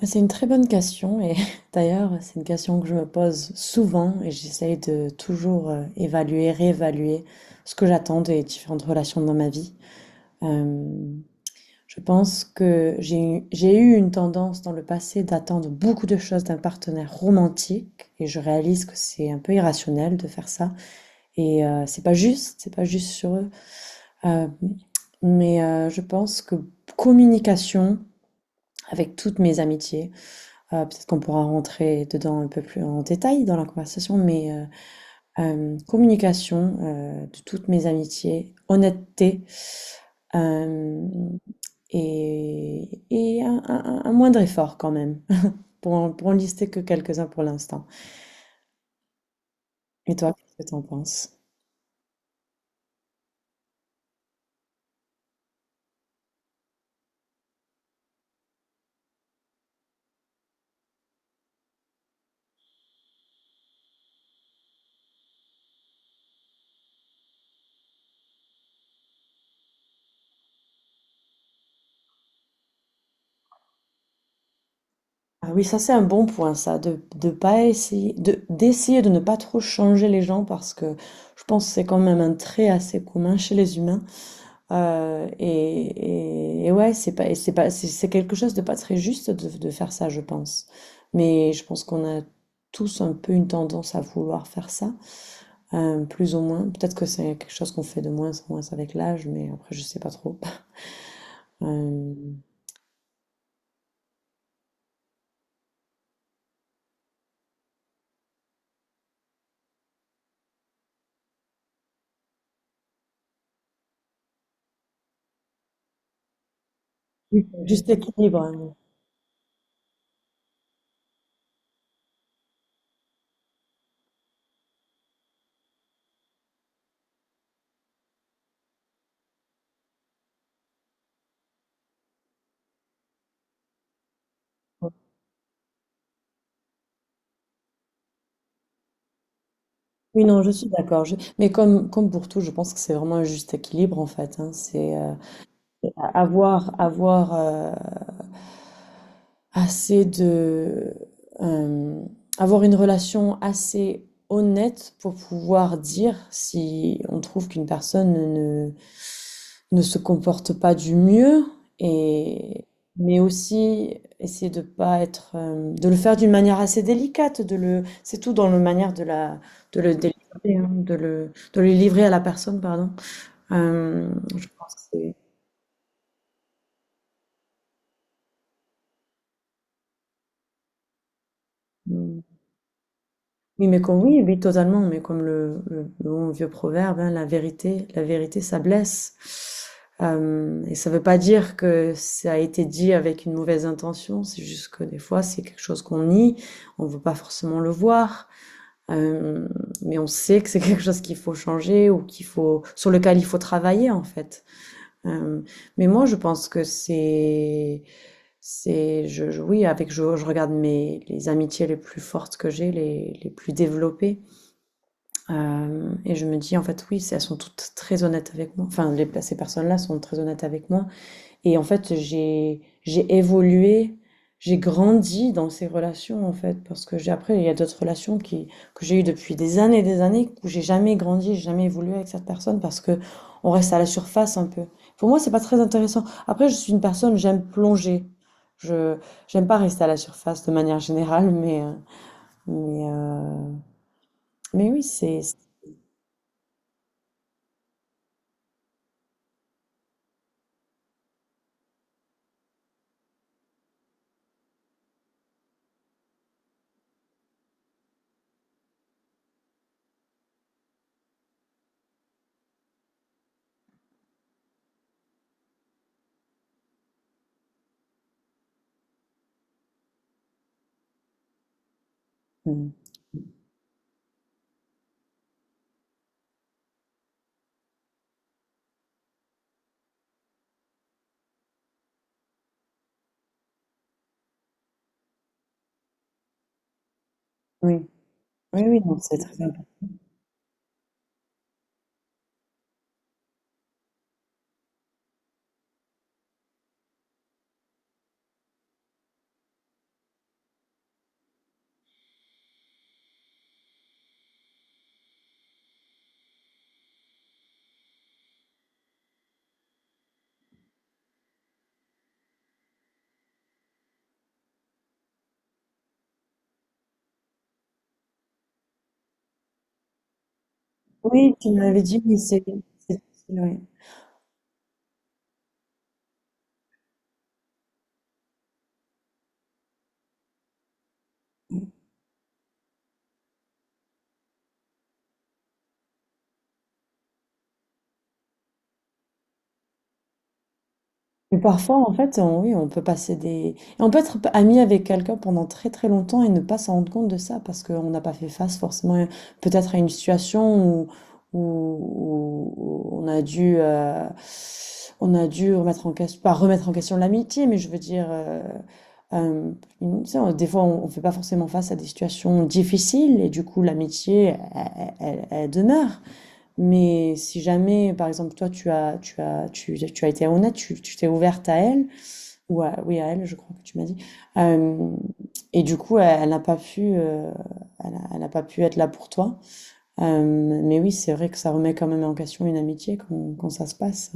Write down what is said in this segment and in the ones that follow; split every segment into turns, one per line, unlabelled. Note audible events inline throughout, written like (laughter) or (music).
Bah, c'est une très bonne question et (laughs) d'ailleurs c'est une question que je me pose souvent et j'essaye de toujours évaluer, réévaluer ce que j'attends des différentes relations dans ma vie. Euh, je pense que j'ai eu une tendance dans le passé d'attendre beaucoup de choses d'un partenaire romantique et je réalise que c'est un peu irrationnel de faire ça et c'est pas juste sur eux. Euh, je pense que communication avec toutes mes amitiés. Peut-être qu'on pourra rentrer dedans un peu plus en détail dans la conversation, mais communication de toutes mes amitiés, honnêteté euh, et, un moindre effort quand même, (laughs) pour, pour en lister que quelques-uns pour l'instant. Et toi, qu'est-ce que t'en penses? Ah oui, ça c'est un bon point, ça, de pas essayer, de, d'essayer de ne pas trop changer les gens parce que je pense que c'est quand même un trait assez commun chez les humains. Et, et ouais, c'est pas, c'est pas, c'est quelque chose de pas très juste de faire ça, je pense. Mais je pense qu'on a tous un peu une tendance à vouloir faire ça, plus ou moins. Peut-être que c'est quelque chose qu'on fait de moins en moins avec l'âge, mais après, je sais pas trop. (laughs) Euh, Juste équilibre, hein. Oui, non, je suis d'accord. Mais comme, comme pour tout, je pense que c'est vraiment un juste équilibre, en fait, hein. C'est, avoir assez de euh, avoir une relation assez honnête pour pouvoir dire si on trouve qu'une personne ne se comporte pas du mieux, et mais aussi essayer de pas être de le faire d'une manière assez délicate de le c'est tout dans la manière de la de le délivrer hein, de le livrer à la personne, pardon. Euh, je pense que c'est hmm, oui, mais comme, oui, oui, totalement, mais comme le, le bon vieux proverbe, hein, la vérité, ça blesse. Et ça veut pas dire que ça a été dit avec une mauvaise intention, c'est juste que des fois, c'est quelque chose qu'on nie, on veut pas forcément le voir, euh, mais on sait que c'est (laughs) quelque chose qu'il faut changer ou qu'il faut, sur lequel il faut travailler, en fait. Euh, mais moi, je pense que c'est, je, oui, avec, je regarde mes, les amitiés les plus fortes que j'ai, les plus développées. Et je me dis, en fait, oui, elles sont toutes très honnêtes avec moi. Enfin, ces personnes-là sont très honnêtes avec moi. Et en fait, j'ai évolué, j'ai grandi dans ces relations, en fait. Parce que j'ai, après, il y a d'autres relations qui, que j'ai eues depuis des années et des années où j'ai jamais grandi, j'ai jamais évolué avec cette personne parce que on reste à la surface un peu. Pour moi, c'est pas très intéressant. Après, je suis une personne, j'aime plonger. Je, j'aime pas rester à la surface de manière générale, mais mais oui, c'est, oui. Oui, oui, non, c'est très important. Oui, tu m'avais dit, oui, c'est difficile, oui. Mais parfois, en fait, on, oui, on peut passer des... On peut être ami avec quelqu'un pendant très très longtemps et ne pas s'en rendre compte de ça parce qu'on n'a pas fait face forcément peut-être à une situation où, où on a dû remettre en question, pas remettre en question l'amitié, mais je veux dire, euh, tu sais, des fois, on ne fait pas forcément face à des situations difficiles et du coup, l'amitié, elle elle demeure. Mais si jamais, par exemple, toi, tu as, tu as, tu as été honnête, tu t'es ouverte à elle, ou à, oui, à elle, je crois que tu m'as dit. Euh, et du coup, elle, elle n'a pas pu, elle n'a pas pu être là pour toi. Euh, mais oui, c'est vrai que ça remet quand même en question une amitié quand, quand ça se passe.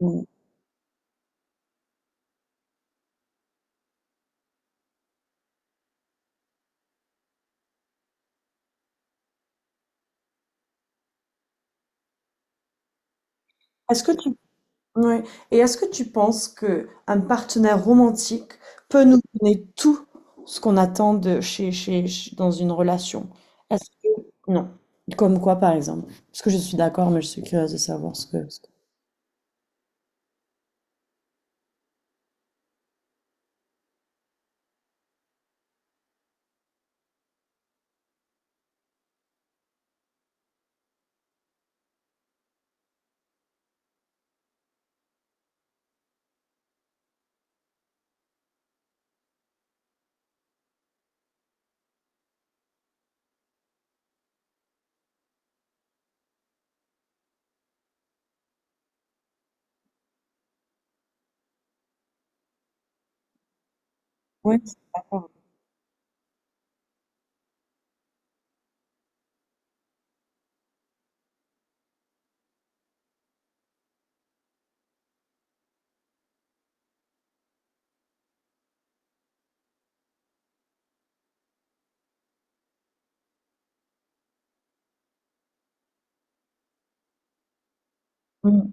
Mm. Est-ce que tu ouais. Et est-ce que tu penses que un partenaire romantique peut nous donner tout ce qu'on attend de dans une relation? Est-ce que non? Comme quoi, par exemple? Parce que je suis d'accord, mais je suis curieuse de savoir ce que. Ouais, je suis d'accord. Mm.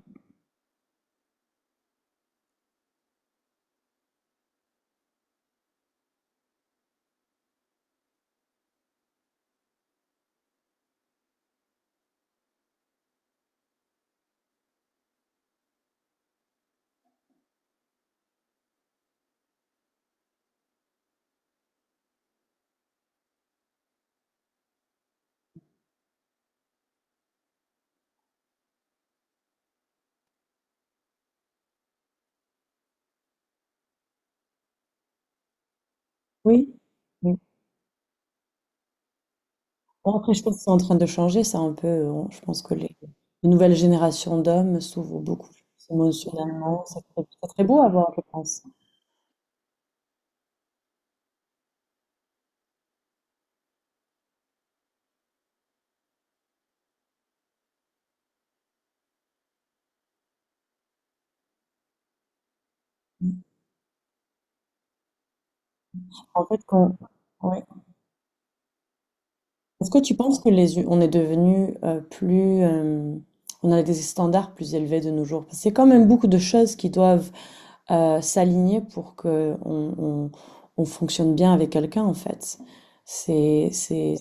Oui. Oui. Bon, après, je pense que c'est en train de changer, ça un peu. Je pense que les nouvelles générations d'hommes s'ouvrent beaucoup plus émotionnellement. C'est très beau à voir, je pense. En fait, quand, est-ce que tu penses que les, on est devenu plus, on a des standards plus élevés de nos jours? Parce que c'est quand même beaucoup de choses qui doivent s'aligner pour que on, on fonctionne bien avec quelqu'un en fait. C'est, c'est.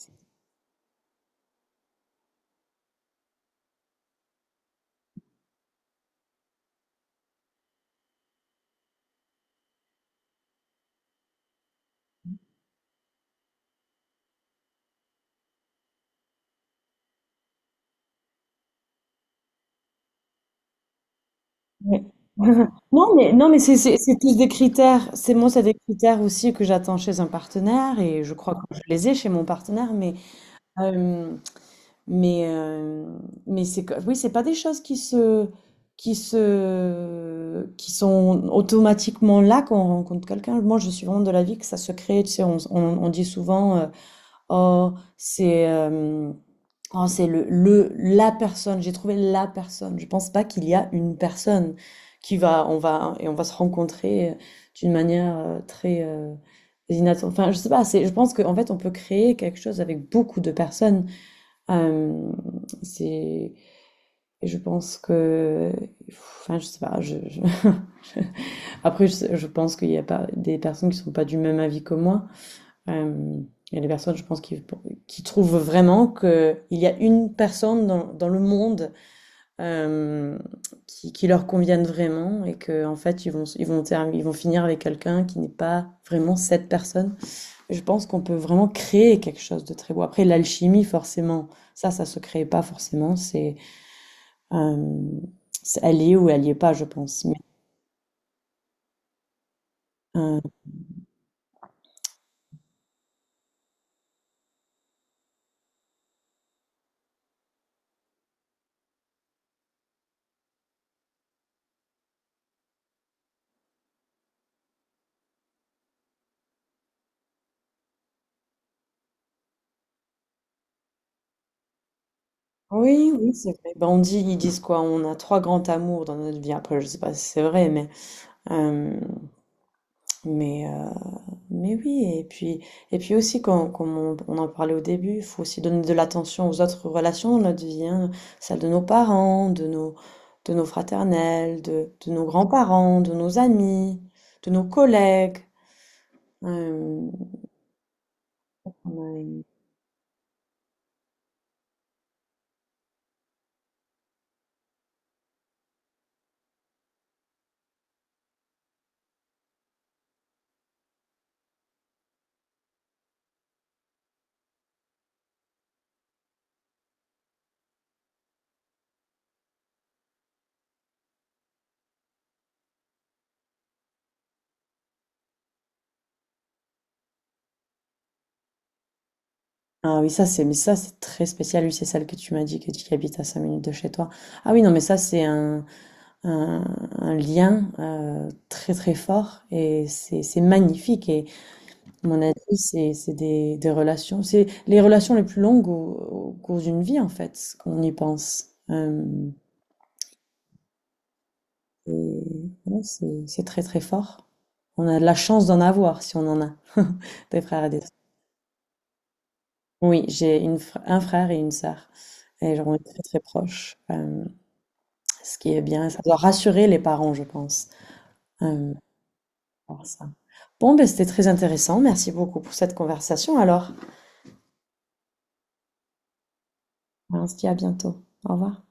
Ouais. (laughs) Non mais non mais c'est c'est tous des critères. C'est moi c'est des critères aussi que j'attends chez un partenaire et je crois que je les ai chez mon partenaire. Mais euh, Mais, euh, mais c'est, oui, c'est pas des choses qui se, qui se, qui sont automatiquement là quand on rencontre quelqu'un. Moi, je suis vraiment de l'avis que ça se crée. Tu sais, on dit souvent, oh, c'est, euh, oh, c'est le, la personne. J'ai trouvé la personne. Je pense pas qu'il y a une personne qui va, on va, et on va se rencontrer d'une manière très, inattendue. Enfin, je sais pas. C'est, je pense qu'en fait, on peut créer quelque chose avec beaucoup de personnes. Euh, c'est, je pense que, enfin, je sais pas. Je, (laughs) Après, je pense qu'il y a pas des personnes qui sont pas du même avis que moi. Euh, il y a des personnes, je pense, qui trouvent vraiment que il y a une personne dans, dans le monde euh, qui leur convienne vraiment et que en fait, ils vont, ils vont, ils vont finir avec quelqu'un qui n'est pas vraiment cette personne. Je pense qu'on peut vraiment créer quelque chose de très beau. Après, l'alchimie, forcément, ça se crée pas forcément. Euh, c'est- elle y est ou elle y est pas, je pense. Mais, euh, oui, oui, c'est vrai. Ben, on dit, ils disent quoi? On a 3 grands amours dans notre vie. Après, je sais pas si c'est vrai, euh, Mais mais oui, et puis aussi, comme, comme on en parlait au début, il faut aussi donner de l'attention aux autres relations de notre vie, hein, celle de nos parents, de nos fraternels, de nos grands-parents, de nos amis, de nos collègues. Euh, on a une- ah oui, ça c'est mais ça c'est très spécial, lui c'est celle que tu m'as dit que tu habites à 5 minutes de chez toi. Ah oui, non mais ça c'est un, un lien très très fort et c'est magnifique. Mon avis, c'est des relations. C'est les relations les plus longues au, au cours d'une vie, en fait, quand on y pense. Et ouais, c'est très, très fort. On a de la chance d'en avoir, si on en a, (laughs) des frères et des sœurs. Oui, j'ai une, un frère et une sœur. Et genre, on est très, très proches. Ce qui est bien. Ça doit rassurer les parents, je pense. Euh, Par ça. Bon, ben, c'était très intéressant. Merci beaucoup pour cette conversation. Alors, hein, on se dit à bientôt. Au revoir.